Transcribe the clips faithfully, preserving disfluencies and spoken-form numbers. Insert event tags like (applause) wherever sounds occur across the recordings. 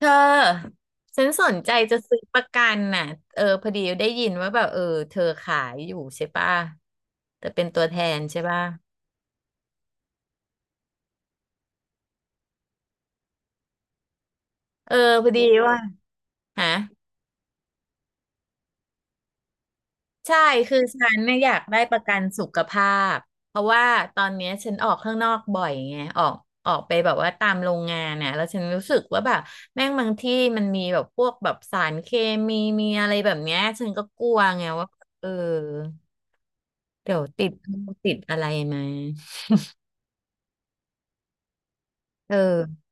เธอฉันสนใจจะซื้อประกันน่ะเออพอดีได้ยินว่าแบบเออเธอขายอยู่ใช่ป่ะแต่เป็นตัวแทนใช่ป่ะเออพอดีว่าฮะใช่คือฉันเนี่ยอยากได้ประกันสุขภาพเพราะว่าตอนเนี้ยฉันออกข้างนอกบ่อยไงออกออกไปแบบว่าตามโรงงานน่ะแล้วฉันรู้สึกว่าแบบแม่งบางที่มันมีแบบพวกแบบสารเคมีมีอะไรแบบเนี้ยฉันก็กลัวไงว่าเออเดี๋ยวติดติดอะไรมาเออ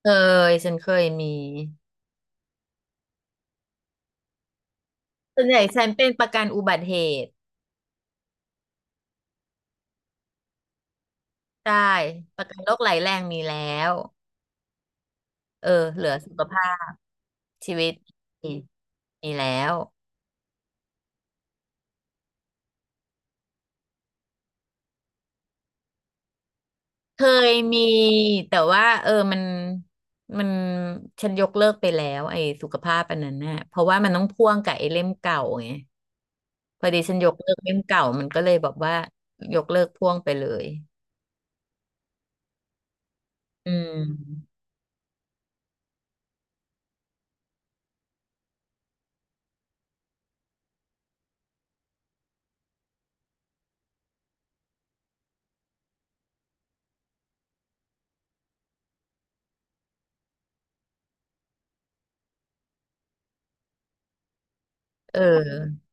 เคยฉันเคยมีส่วนใหญ่ฉันเป็นประกันอุบัติเหตุใช่ประกันโรคไหลแรงมีแล้วเออเหลือสุขภาพชีวิตมีมีแล้วเคยมีแต่ว่าเออมันมันฉันยกเลิกไปแล้วไอ้สุขภาพอันนั้นน่ะเพราะว่ามันต้องพ่วงกับไอ้เล่มเก่าไงพอดีฉันยกเลิกเล่มเก่ามันก็เลยแบบว่ายกเลิกพ่วงไปเลยอืมเออ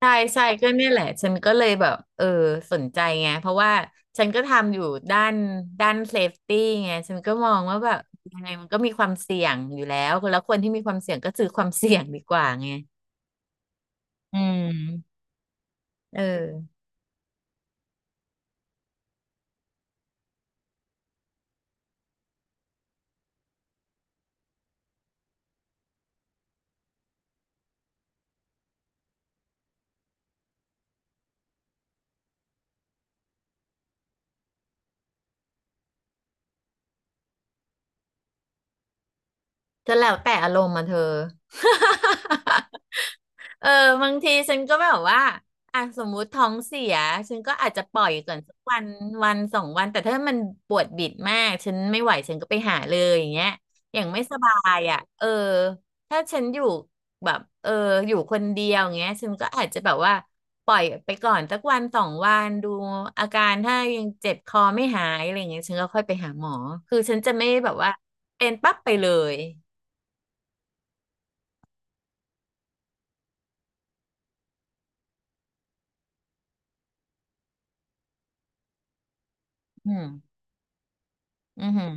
ใช่ใช่ก็เนี่ยแหละฉันก็เลยแบบเออสนใจไงเพราะว่าฉันก็ทำอยู่ด้านด้านเซฟตี้ไงฉันก็มองว่าแบบยังไงมันก็มีความเสี่ยงอยู่แล้วแล้วคนที่มีความเสี่ยงก็ซือความเสี่ยงดีกว่าไงอืมเออก็แล้วแต่อารมณ์มาเธอ (laughs) เออบางทีฉันก็แบบว่าอ่ะสมมุติท้องเสียฉันก็อาจจะปล่อยก่อนสักวันวันสองวันแต่ถ้ามันปวดบิดมากฉันไม่ไหวฉันก็ไปหาเลยอย่างเงี้ยอย่างไม่สบายอ่ะเออถ้าฉันอยู่แบบเอออยู่คนเดียวอย่างเงี้ยฉันก็อาจจะแบบว่าปล่อยไปก่อนสักวันสองวันดูอาการถ้ายังเจ็บคอไม่หายอะไรอย่างเงี้ยฉันก็ค่อยไปหาหมอคือฉันจะไม่แบบว่าเป็นปั๊บไปเลยอืมอือหือ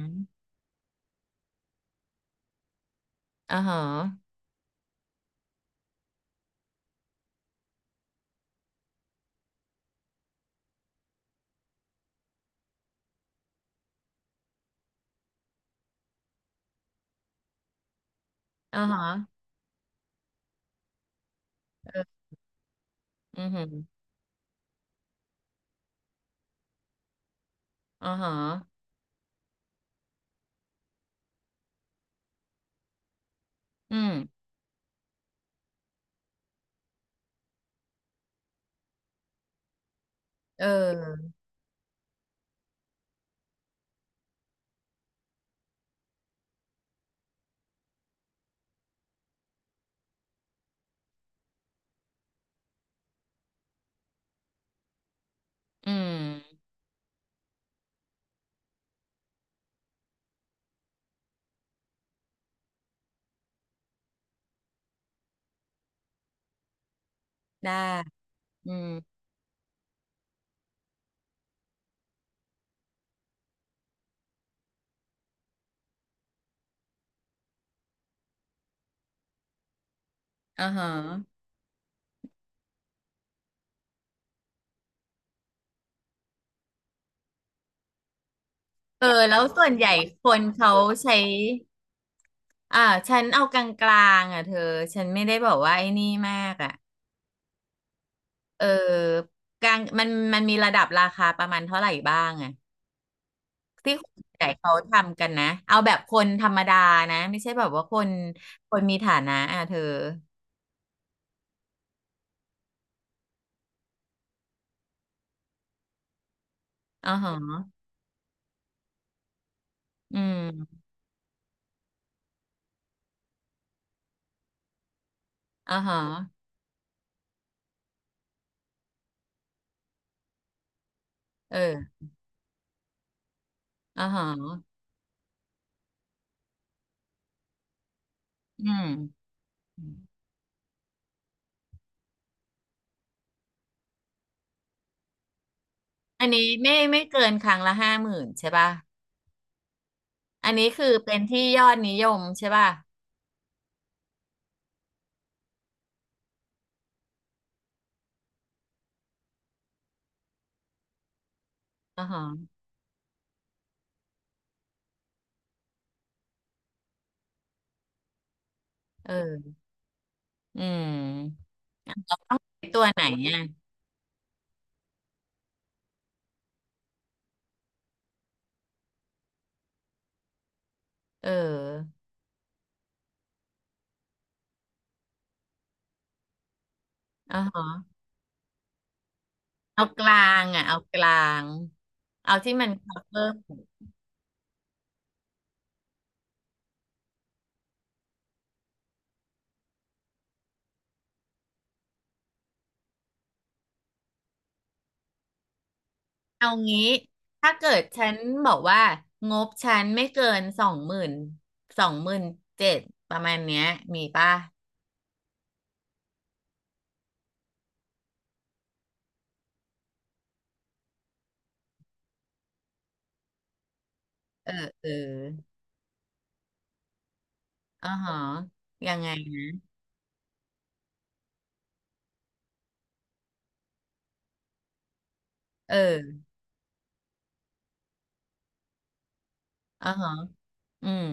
อ่าฮะอ่าฮะเออ อือหืออ๋อฮะอืมเอออืมได้อืมอ่าฮะเออแล้วส่วนใหญ่คนเขาใช้อ่าฉันเอากลางๆอ่ะเธอฉันไม่ได้บอกว่าไอ้นี่มากอ่ะเออกลางมันมันมีระดับราคาประมาณเท่าไหร่บ้างอ่ะที่คนส่วนใหญ่เขาทำกันนะเอาแบบคนธรรมดานะไม่ใช่แบบว่าคนคนมีฐานะอ่ะเธออ่าฮะอืมอ่าฮะเอออ่าฮะอืม อันนี้ไม่ไม่เกินครั้งละห้าหมื่นใช่ป่ะอันนี้คือเป็นที่ยอดนิยมใช่ป่ะอ๋อฮะเอออืมตัวไหนเนี่ยเอออ๋อฮะเอากลางอ่ะเอากลางเอาที่มัน cover เอางี้ถ้าเกิดฉันบอกว่างบฉันไม่เกินสองหมื่นสองหมื่นเจ็ดประมาณเนี้ยมีป่ะเออเอออ๋อฮะยังไงนะเอออ๋อฮะอืม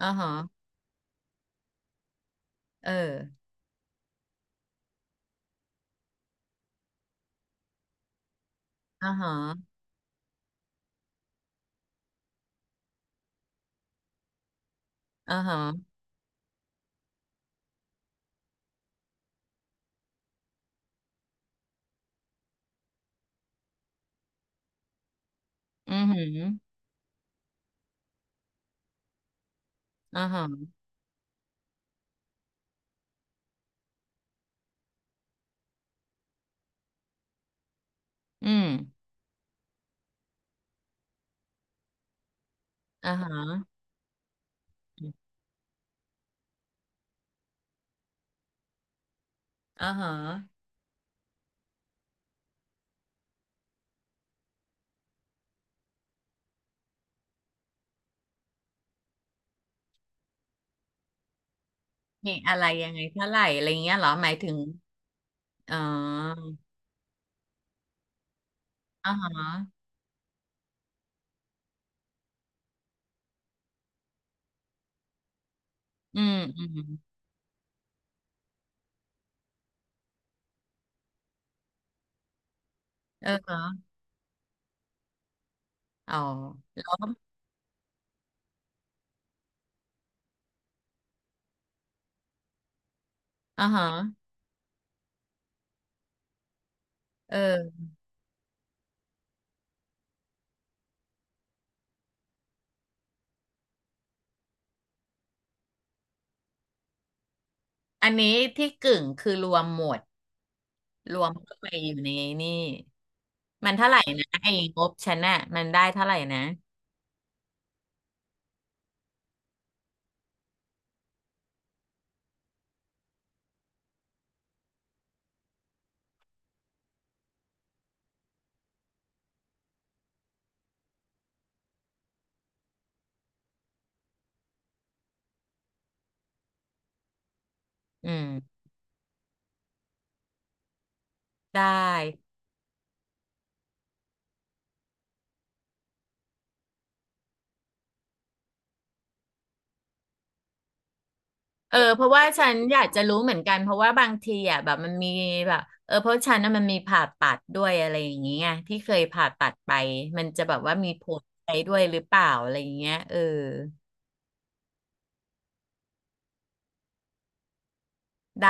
อ๋อฮะเออ อ่าฮะอ่าฮะอือหืออ่าฮะอืมอ่าฮะอ่าฮะมีอะไรยังไงเท่าไหร่อะไรเงี้ยเหรอหมายถึงอ๋ออ่าฮะอืมอืมเออฮะอ๋ออ่าฮะเอออันนี้ที่กึ่งคือรวมหมดรวมเข้าไปอยู่ในนี่มันเท่าไหร่นะไอ้งบฉันน่ะมันได้เท่าไหร่นะ อืม ได้ เออเพราะว่าฉันอยากจะรู้เหมือนกันเพราะว่าบางทีอ่ะแบบมันมีแบบเออเพราะฉันน่ะมันมีผ่าตัดด้วยอะไรอย่างเงี้ยที่เคยผ่าตัดไปมันจะแบบว่ามีผลอะไรด้วยหรือเปล่าอะไรอย่างเงี้ยเออได้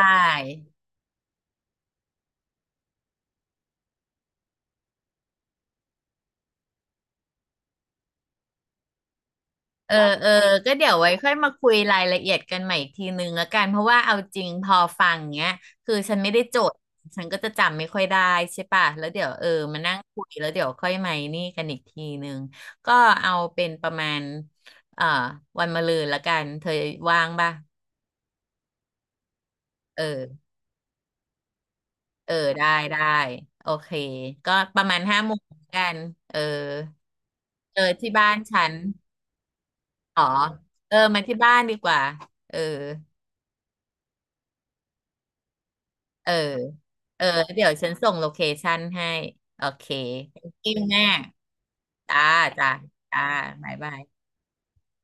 เออเออก็เดี๋ยวไว้ค่อยมาคุยรายละเอียดกันใหม่อีกทีนึงละกันเพราะว่าเอาจริงพอฟังเงี้ยคือฉันไม่ได้จดฉันก็จะจำไม่ค่อยได้ใช่ปะแล้วเดี๋ยวเออมานั่งคุยแล้วเดี๋ยวค่อยมานี่กันอีกทีนึงก็เอาเป็นประมาณเอ่อวันมะรืนละกันเธอว่างป่ะเออเออได้ได้โอเคก็ประมาณห้าโมงกันเออเออที่บ้านฉันอ๋อเออมาที่บ้านดีกว่าเออ เออ เออเดี๋ยวฉันส่งโลเคชั่นให้โอเค thank you แม่จ้าจ้าจ้าบ๊ายบาย